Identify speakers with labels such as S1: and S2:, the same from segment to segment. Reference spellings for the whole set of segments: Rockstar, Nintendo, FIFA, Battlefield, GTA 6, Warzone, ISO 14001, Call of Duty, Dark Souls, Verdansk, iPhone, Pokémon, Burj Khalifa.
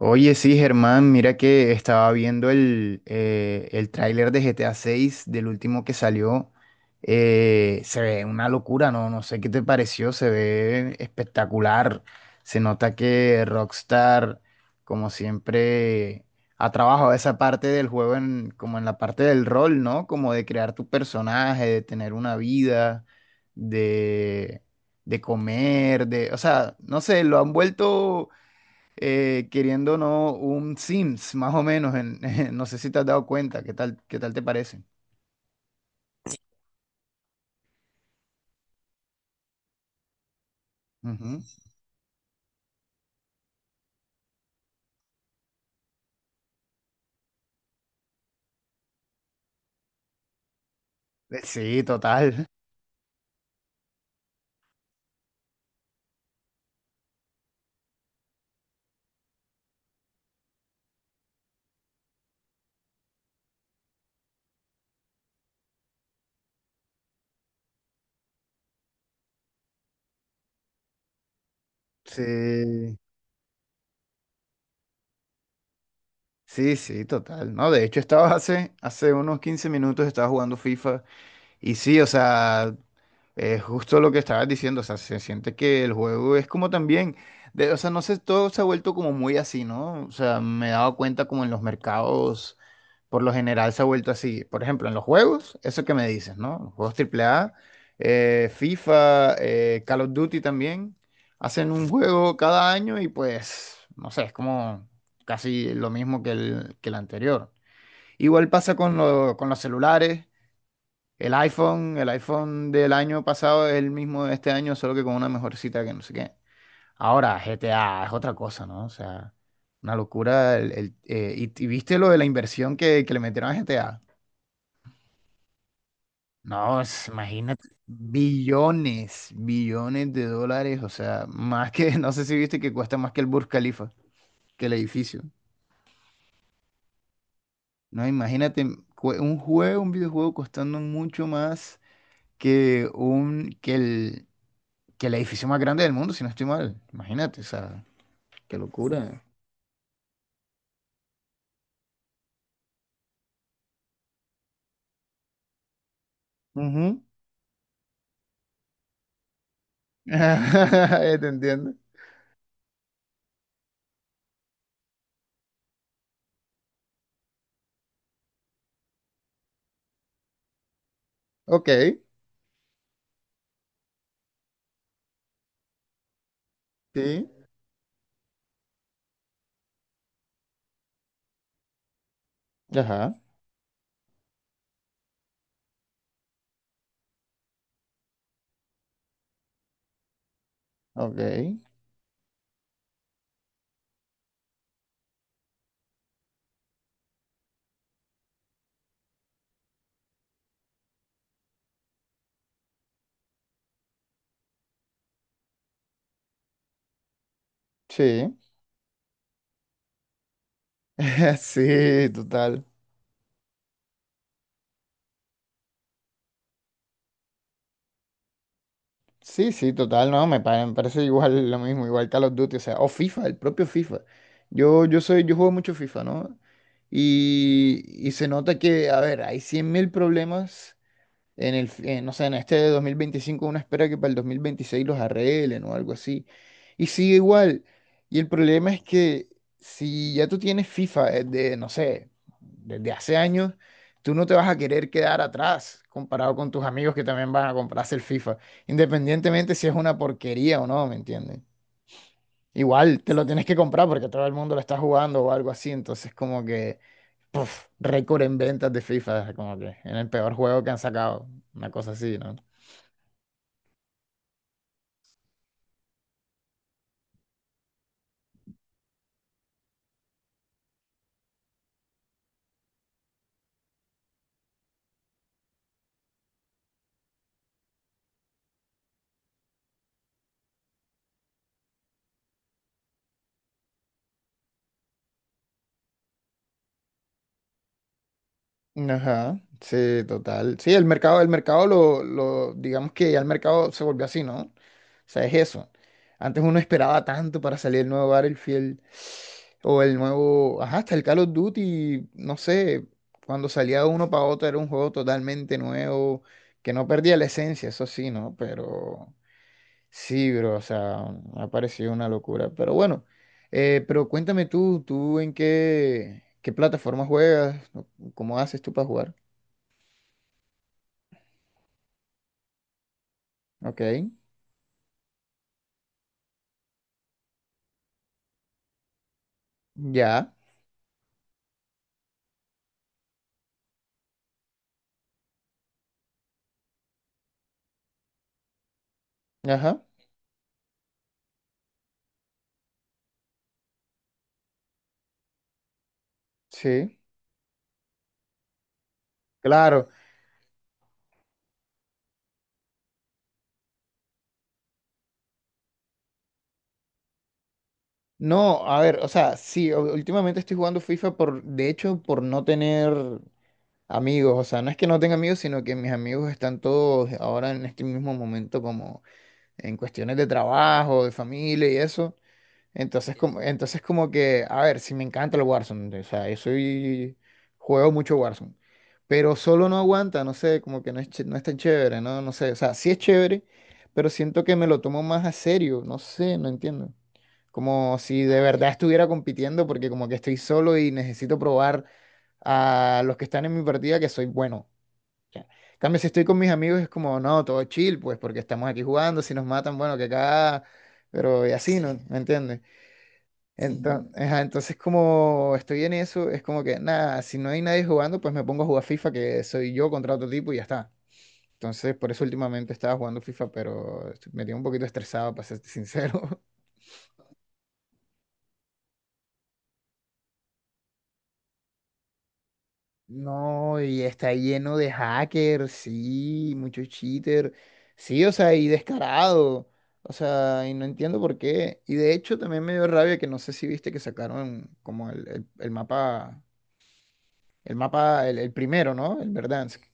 S1: Oye, sí, Germán, mira que estaba viendo el tráiler de GTA 6 del último que salió. Se ve una locura, ¿no? No sé qué te pareció, se ve espectacular. Se nota que Rockstar, como siempre, ha trabajado esa parte del juego en, como en la parte del rol, ¿no? Como de crear tu personaje, de tener una vida, de, de comer, de, o sea, no sé, lo han vuelto queriendo o no un Sims, más o menos. No sé si te has dado cuenta, qué tal te parece? Ujú. Sí, total. Sí, sí, sí, total. No, de hecho, estaba hace unos 15 minutos, estaba jugando FIFA. Y sí, o sea, es justo lo que estabas diciendo, o sea, se siente que el juego es como también, o sea, no sé, todo se ha vuelto como muy así, ¿no? O sea, me he dado cuenta como en los mercados, por lo general se ha vuelto así. Por ejemplo, en los juegos, eso que me dices, ¿no? Los juegos AAA, FIFA, Call of Duty también, hacen un juego cada año y pues, no sé, es como casi lo mismo que que el anterior. Igual pasa con, con los celulares. El iPhone del año pasado es el mismo de este año, solo que con una mejorcita que no sé qué. Ahora, GTA es otra cosa, ¿no? O sea, una locura. Y, ¿y viste lo de la inversión que le metieron a GTA? No, es- imagínate, billones, billones de dólares, o sea, más que, no sé si viste que cuesta más que el Burj Khalifa, que el edificio. No, imagínate un juego, un videojuego costando mucho más que un, que el edificio más grande del mundo, si no estoy mal. Imagínate, o sea, qué locura. Ujú. ¿Te entiendes? Ok, sí. Ajá, ok, sí. Sí, total. Sí, sí, total, no, pa- me parece igual lo mismo, igual Call of Duty, o sea, o FIFA, el propio FIFA. Yo soy, yo juego mucho FIFA, ¿no? Y se nota que, a ver, hay 100.000 problemas en el, no sé, en este de 2025. Uno espera que para el 2026 los arreglen o algo así. Y sigue igual. Y el problema es que si ya tú tienes FIFA desde, no sé, desde hace años, tú no te vas a querer quedar atrás comparado con tus amigos que también van a comprarse el FIFA, independientemente si es una porquería o no, ¿me entiendes? Igual te lo tienes que comprar porque todo el mundo lo está jugando o algo así, entonces como que, puf, récord en ventas de FIFA, como que en el peor juego que han sacado, una cosa así, ¿no? Ajá, sí, total. Sí, el mercado digamos que ya el mercado se volvió así, ¿no? O sea, es eso. Antes uno esperaba tanto para salir el nuevo Battlefield o el nuevo, ajá, hasta el Call of Duty, no sé, cuando salía uno para otro era un juego totalmente nuevo, que no perdía la esencia, eso sí, ¿no? Pero sí, bro, o sea, me ha parecido una locura. Pero bueno, pero cuéntame tú, ¿tú en qué plataforma juegas? ¿Cómo haces tú para jugar? Ok, ya, ajá, sí, claro. No, a ver, o sea, sí, u- últimamente estoy jugando FIFA por, de hecho, por no tener amigos. O sea, no es que no tenga amigos, sino que mis amigos están todos ahora en este mismo momento como en cuestiones de trabajo, de familia y eso. Entonces como que, a ver, si me encanta el Warzone, o sea, yo soy, juego mucho Warzone, pero solo no aguanta, no sé, como que no es, ch- no es tan chévere, no, no sé, o sea, sí es chévere, pero siento que me lo tomo más a serio, no sé, no entiendo. Como si de verdad estuviera compitiendo porque como que estoy solo y necesito probar a los que están en mi partida que soy bueno. Ya. En cambio, si estoy con mis amigos es como, no, todo chill, pues porque estamos aquí jugando, si nos matan, bueno, que acá, pero y así, ¿no? Sí. ¿Me entiendes? Entonces como estoy en eso, es como que nada, si no hay nadie jugando, pues me pongo a jugar FIFA, que soy yo contra otro tipo y ya está. Entonces, por eso últimamente estaba jugando FIFA, pero estoy- me tiene un poquito estresado, para ser sincero. No, y está lleno de hackers, sí, muchos cheater, sí, o sea, y descarado, o sea, y no entiendo por qué. Y de hecho también me dio rabia que no sé si viste que sacaron como el mapa. El mapa, el primero, ¿no? El Verdansk.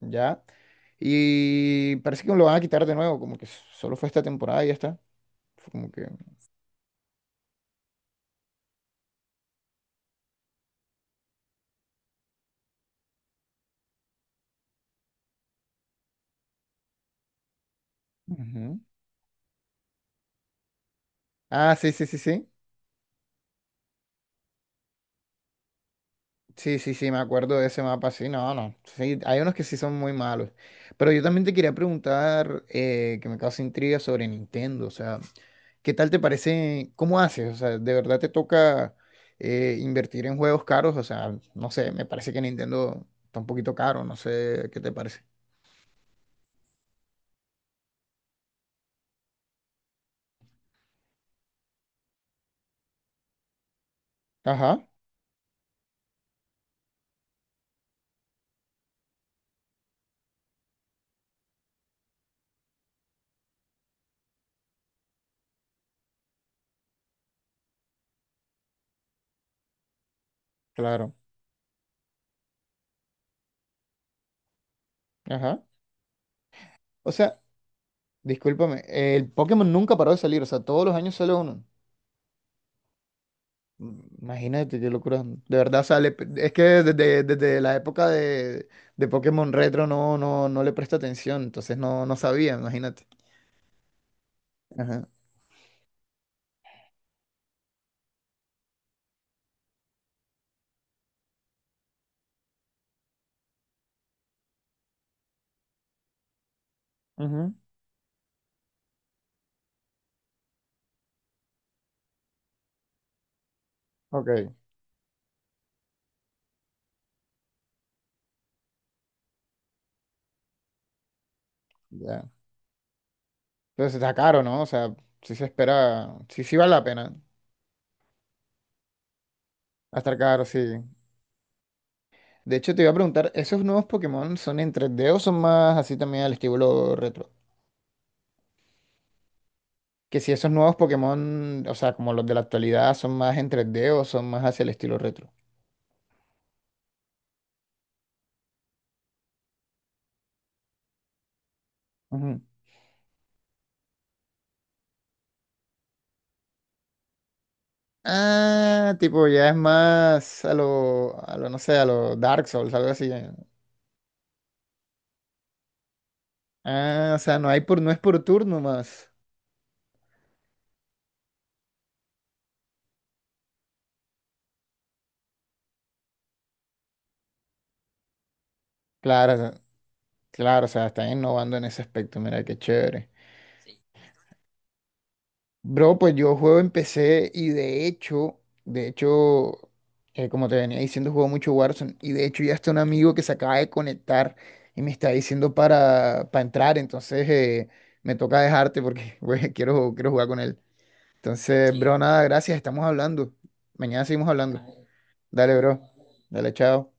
S1: Ya. Y parece que lo van a quitar de nuevo, como que solo fue esta temporada y ya está. Fue como que. Ujú. Ah, sí, sí, sí, sí. Sí, sí, sí, me acuerdo de ese mapa, sí, no, no. Sí, hay unos que sí son muy malos. Pero yo también te quería preguntar, que me causa intriga sobre Nintendo, o sea, ¿qué tal te parece? ¿Cómo haces? O sea, ¿de verdad te toca invertir en juegos caros? O sea, no sé, me parece que Nintendo está un poquito caro, no sé qué te parece. Ajá, claro. Ajá. O sea, discúlpame, el Pokémon nunca paró de salir, o sea, todos los años sale uno. Mm, imagínate qué locura. De verdad sale. Pe- Es que desde, desde la época de Pokémon Retro no, no, no le presta atención, entonces no, no sabía, imagínate. Ajá. Ujú. Ok, ya. Entonces está caro, ¿no? O sea, sí se espera, sí, sí vale la pena. Va a estar caro, sí. De hecho, te iba a preguntar, ¿esos nuevos Pokémon son en 3D o son más así también al estilo retro? Que si esos nuevos Pokémon, o sea, como los de la actualidad, son más en 3D o son más hacia el estilo retro. Ujú. Ah, tipo, ya es más a lo, no sé, a lo Dark Souls, algo así. ¿Eh? Ah, o sea, no hay por, no es por turno más. Claro, claro, o sea, están innovando en ese aspecto, mira, qué chévere. Bro, pues yo juego en PC y de hecho, como te venía diciendo, juego mucho Warzone y de hecho ya está un amigo que se acaba de conectar y me está diciendo para entrar, entonces me toca dejarte porque güey, quiero, quiero jugar con él. Entonces, sí, bro, nada, gracias, estamos hablando. Mañana seguimos hablando. Dale, bro. Dale, chao.